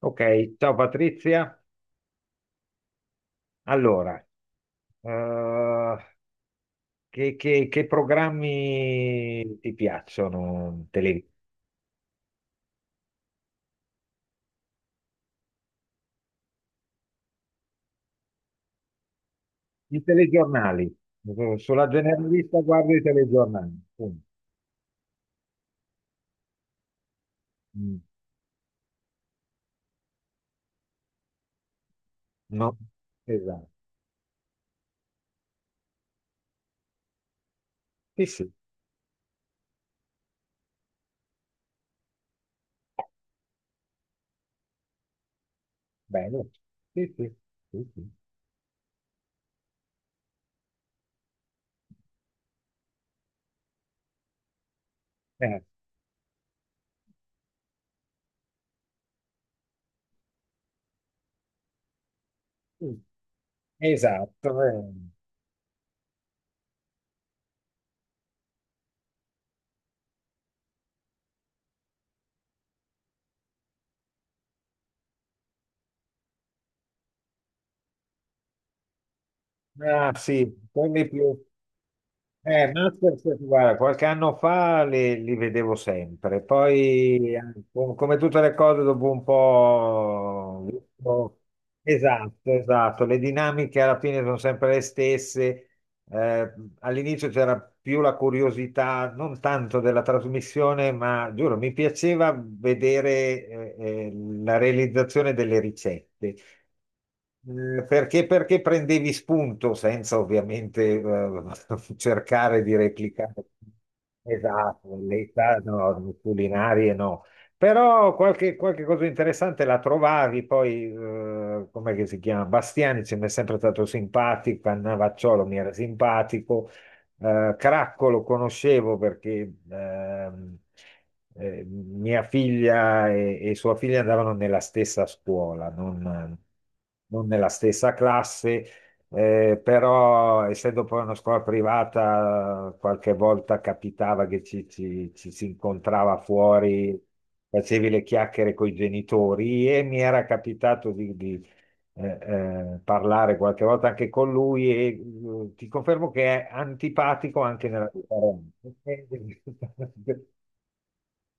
Ok, ciao Patrizia. Allora, eh, che programmi ti piacciono? I telegiornali. Sulla generalista guardo i telegiornali. Punto. Mm, no, esatto. Sì, sì, bello. Sì, sì, sì, sì. Eh, sì, esatto. Ah, sì, quelli più. Masters, guarda, qualche anno fa, li vedevo sempre, poi come tutte le cose dopo un po'. Esatto, esatto, le dinamiche alla fine sono sempre le stesse. Eh, All'inizio c'era più la curiosità, non tanto della trasmissione, ma giuro, mi piaceva vedere eh, la realizzazione delle ricette. Perché prendevi spunto senza ovviamente cercare di replicare esatto, l'età no, culinarie no, però qualche cosa interessante la trovavi, poi com'è che si chiama? Bastiani ci mi è sempre stato simpatico, Cannavacciolo mi era simpatico, Cracco lo conoscevo perché ehm, mia figlia e sua figlia andavano nella stessa scuola, non, non nella stessa classe, però essendo poi una scuola privata, qualche volta capitava che ci, ci si incontrava fuori, facevi le chiacchiere con i genitori e mi era capitato di, eh, parlare qualche volta anche con lui e ti confermo che è antipatico anche nella vita reale.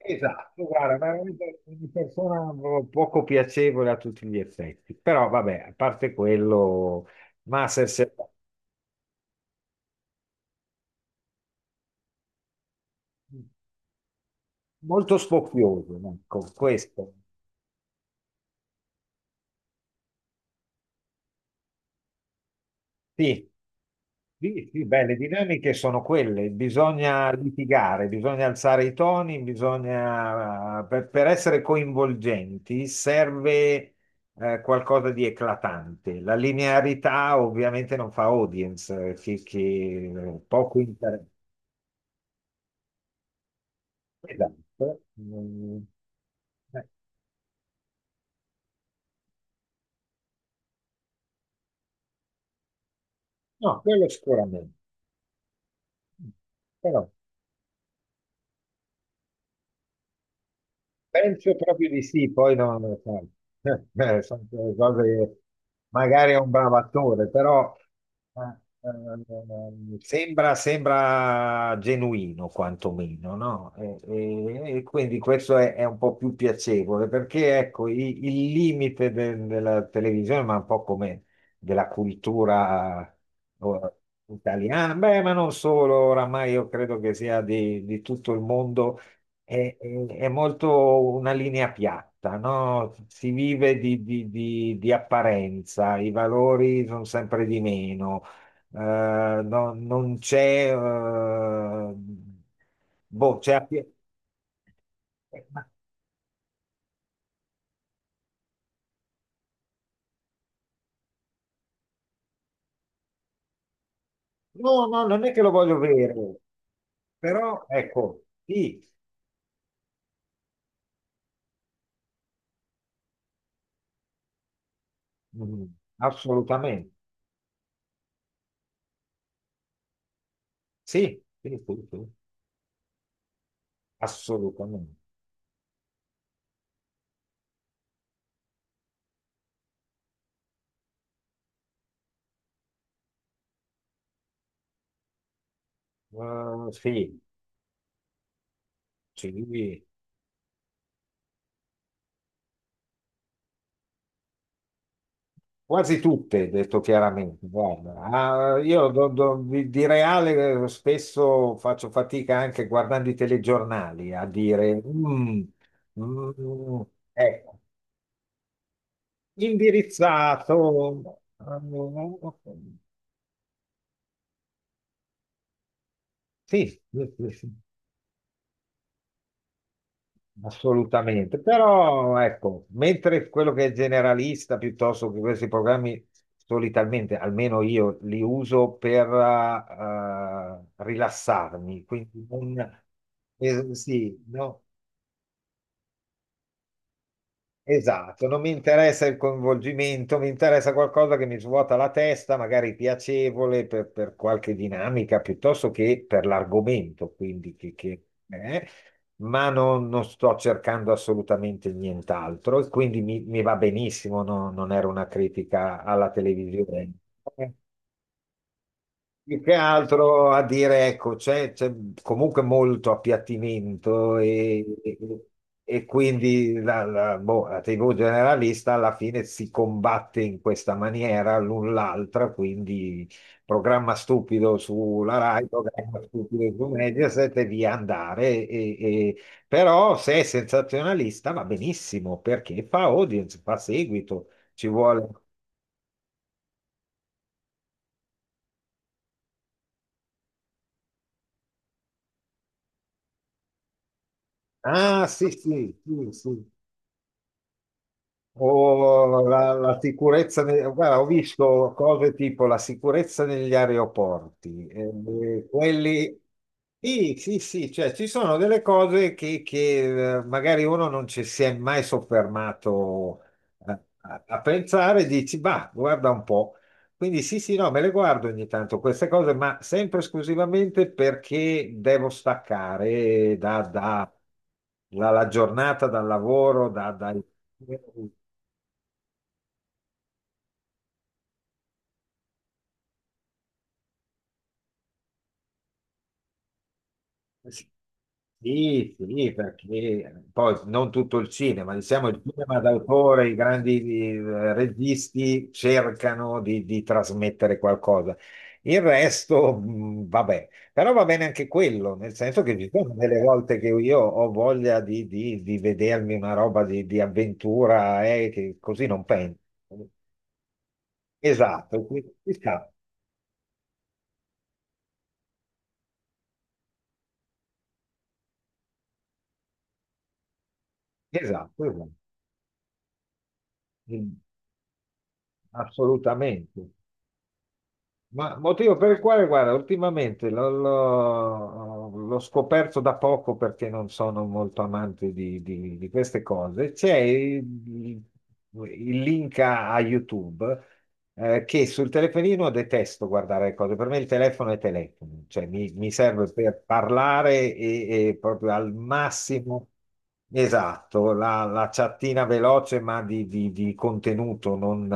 Esatto, guarda, veramente una persona poco piacevole a tutti gli effetti. Però vabbè, a parte quello, Masters è molto spocchioso, ecco, questo. Sì. Sì, sì, beh, le dinamiche sono quelle, bisogna litigare, bisogna alzare i toni, bisogna, per essere coinvolgenti serve qualcosa di eclatante. La linearità ovviamente non fa audience, che poco interessa. Esatto. Eh, No, quello sicuramente. Però penso proprio di sì, poi no, no, sai, sono quelle cose che magari è un bravo attore, però eh, sembra genuino quantomeno, no? E quindi questo è un po' più piacevole, perché ecco, il limite della televisione, ma un po' come della cultura eh, italiana, beh, ma non solo, oramai io credo che sia di tutto il mondo. È molto una linea piatta, no? Si vive di apparenza, i valori sono sempre di meno, non c'è, boh, eh, ma- no, no, non è che lo voglio vedere, però ecco, sì, mm, assolutamente, sì, sì, sì, sì, assolutamente. Sì, sì. Quasi tutte, detto chiaramente, guarda. Ah, io di reale spesso faccio fatica anche guardando i telegiornali a dire, "Mm, mm, ecco, indirizzato, sì, sì, sì, sì." Assolutamente, però ecco, mentre quello che è generalista piuttosto che questi programmi solitamente, almeno io li uso per rilassarmi, quindi non, sì, no, esatto, non mi interessa il coinvolgimento, mi interessa qualcosa che mi svuota la testa, magari piacevole per qualche dinamica piuttosto che per l'argomento, quindi ma non, non sto cercando assolutamente nient'altro e quindi mi va benissimo, non era una critica alla televisione. Eh, Più che altro a dire, ecco, c'è comunque molto appiattimento e, e quindi la TV generalista alla fine si combatte in questa maniera l'un l'altra, quindi programma stupido sulla Rai, programma stupido su Mediaset e via andare. E- Però se è sensazionalista va benissimo perché fa audience, fa seguito, ci vuole. Ah, sì, sì, sì, sì. O la sicurezza, guarda, ho visto cose tipo la sicurezza negli aeroporti, quelli. Sì, sì, sì, cioè ci sono delle cose magari uno non ci si è mai soffermato a pensare, e dici, bah, guarda un po'. Quindi sì, sì, no, me le guardo ogni tanto queste cose, ma sempre esclusivamente perché devo staccare dalla giornata, dal lavoro, da- dai Sì, sì, perché poi non tutto il cinema, diciamo il cinema d'autore, i grandi registi cercano di trasmettere qualcosa. Il resto, vabbè, però va bene anche quello, nel senso che ci sono delle volte che io ho voglia di vedermi una roba di avventura, che così non penso. Esatto, ci sta, esatto, esatto. Mm, assolutamente. Ma motivo per il quale, guarda, ultimamente l'ho scoperto da poco perché non sono molto amante di queste cose. C'è il link a YouTube, che sul telefonino detesto guardare le cose, per me il telefono è telefono, cioè mi serve per parlare e proprio al massimo, esatto, la chattina veloce ma di contenuto, non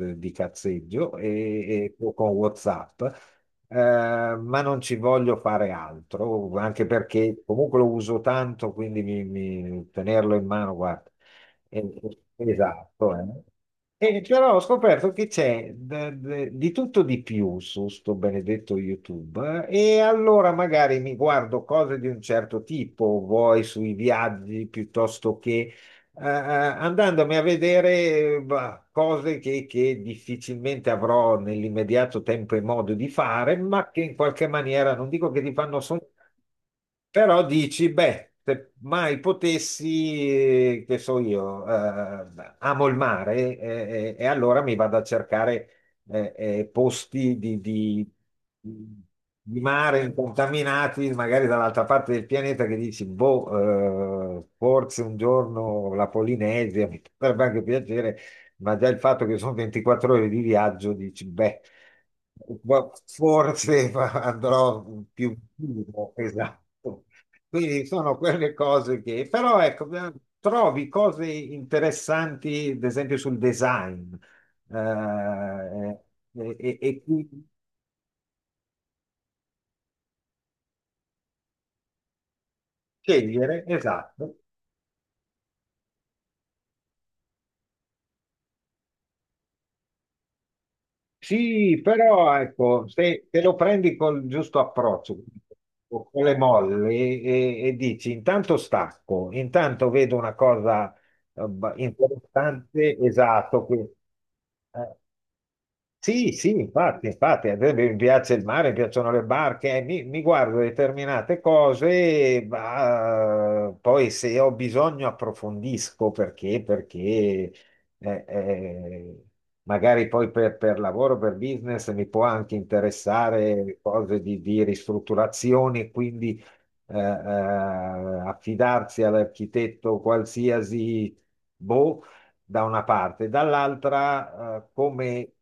di cazzeggio, e o con WhatsApp. Ma non ci voglio fare altro, anche perché comunque lo uso tanto, quindi tenerlo in mano, guarda. Eh, Esatto, E però ho scoperto che c'è di tutto di più su sto benedetto YouTube, e allora magari mi guardo cose di un certo tipo, vuoi sui viaggi piuttosto che andandomi a vedere bah, cose che difficilmente avrò nell'immediato tempo e modo di fare, ma che in qualche maniera non dico che ti fanno sognare, però dici, beh, se mai potessi, che so io, amo il mare, e allora mi vado a cercare posti di mare incontaminati, magari dall'altra parte del pianeta, che dici, boh, forse un giorno la Polinesia mi potrebbe anche piacere, ma già il fatto che sono 24 ore di viaggio, dici, beh. Ma forse andrò più vivo, esatto. Quindi sono quelle cose che, però ecco, trovi cose interessanti, ad esempio sul design, eh, eh, e qui scegliere, esatto. Sì, però ecco, se te lo prendi col giusto approccio, o con le molle e dici intanto stacco, intanto vedo una cosa interessante, esatto, che, eh, sì, sì, infatti, infatti, a me mi piace il mare, mi piacciono le barche, mi guardo determinate cose, ma poi se ho bisogno approfondisco perché eh, eh, magari poi per lavoro, per business mi può anche interessare cose di ristrutturazione, quindi eh, eh, affidarsi all'architetto qualsiasi. Boh, da una parte, dall'altra, come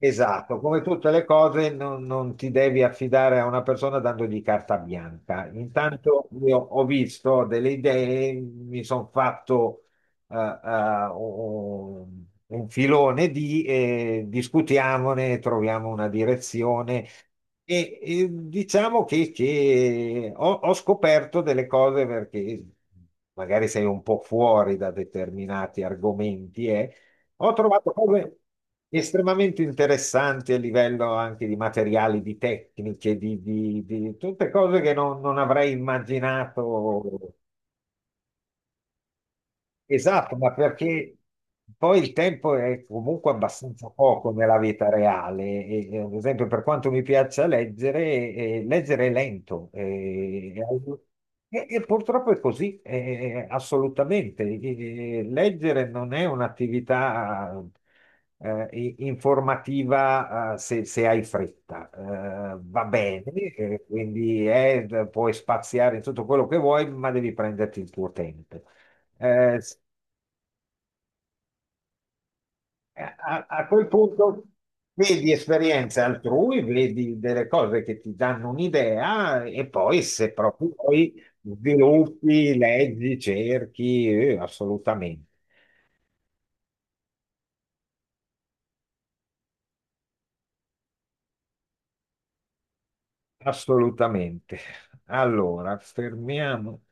esatto, come tutte le cose, non, non ti devi affidare a una persona dandogli carta bianca. Intanto io ho visto delle idee, mi sono fatto un filone di, discutiamone, troviamo una direzione. E diciamo che ho scoperto delle cose perché magari sei un po' fuori da determinati argomenti. Ho trovato cose estremamente interessanti a livello anche di materiali, di tecniche, di tutte cose che non, non avrei immaginato. Esatto, ma perché poi il tempo è comunque abbastanza poco nella vita reale. Ad esempio, per quanto mi piaccia leggere, leggere è lento. E purtroppo è così, assolutamente. E leggere non è un'attività informativa se, se hai fretta. Va bene, quindi puoi spaziare in tutto quello che vuoi, ma devi prenderti il tuo tempo. Eh, a quel punto vedi esperienze altrui, vedi delle cose che ti danno un'idea e poi se proprio poi sviluppi, leggi, cerchi, assolutamente, assolutamente. Allora, fermiamo.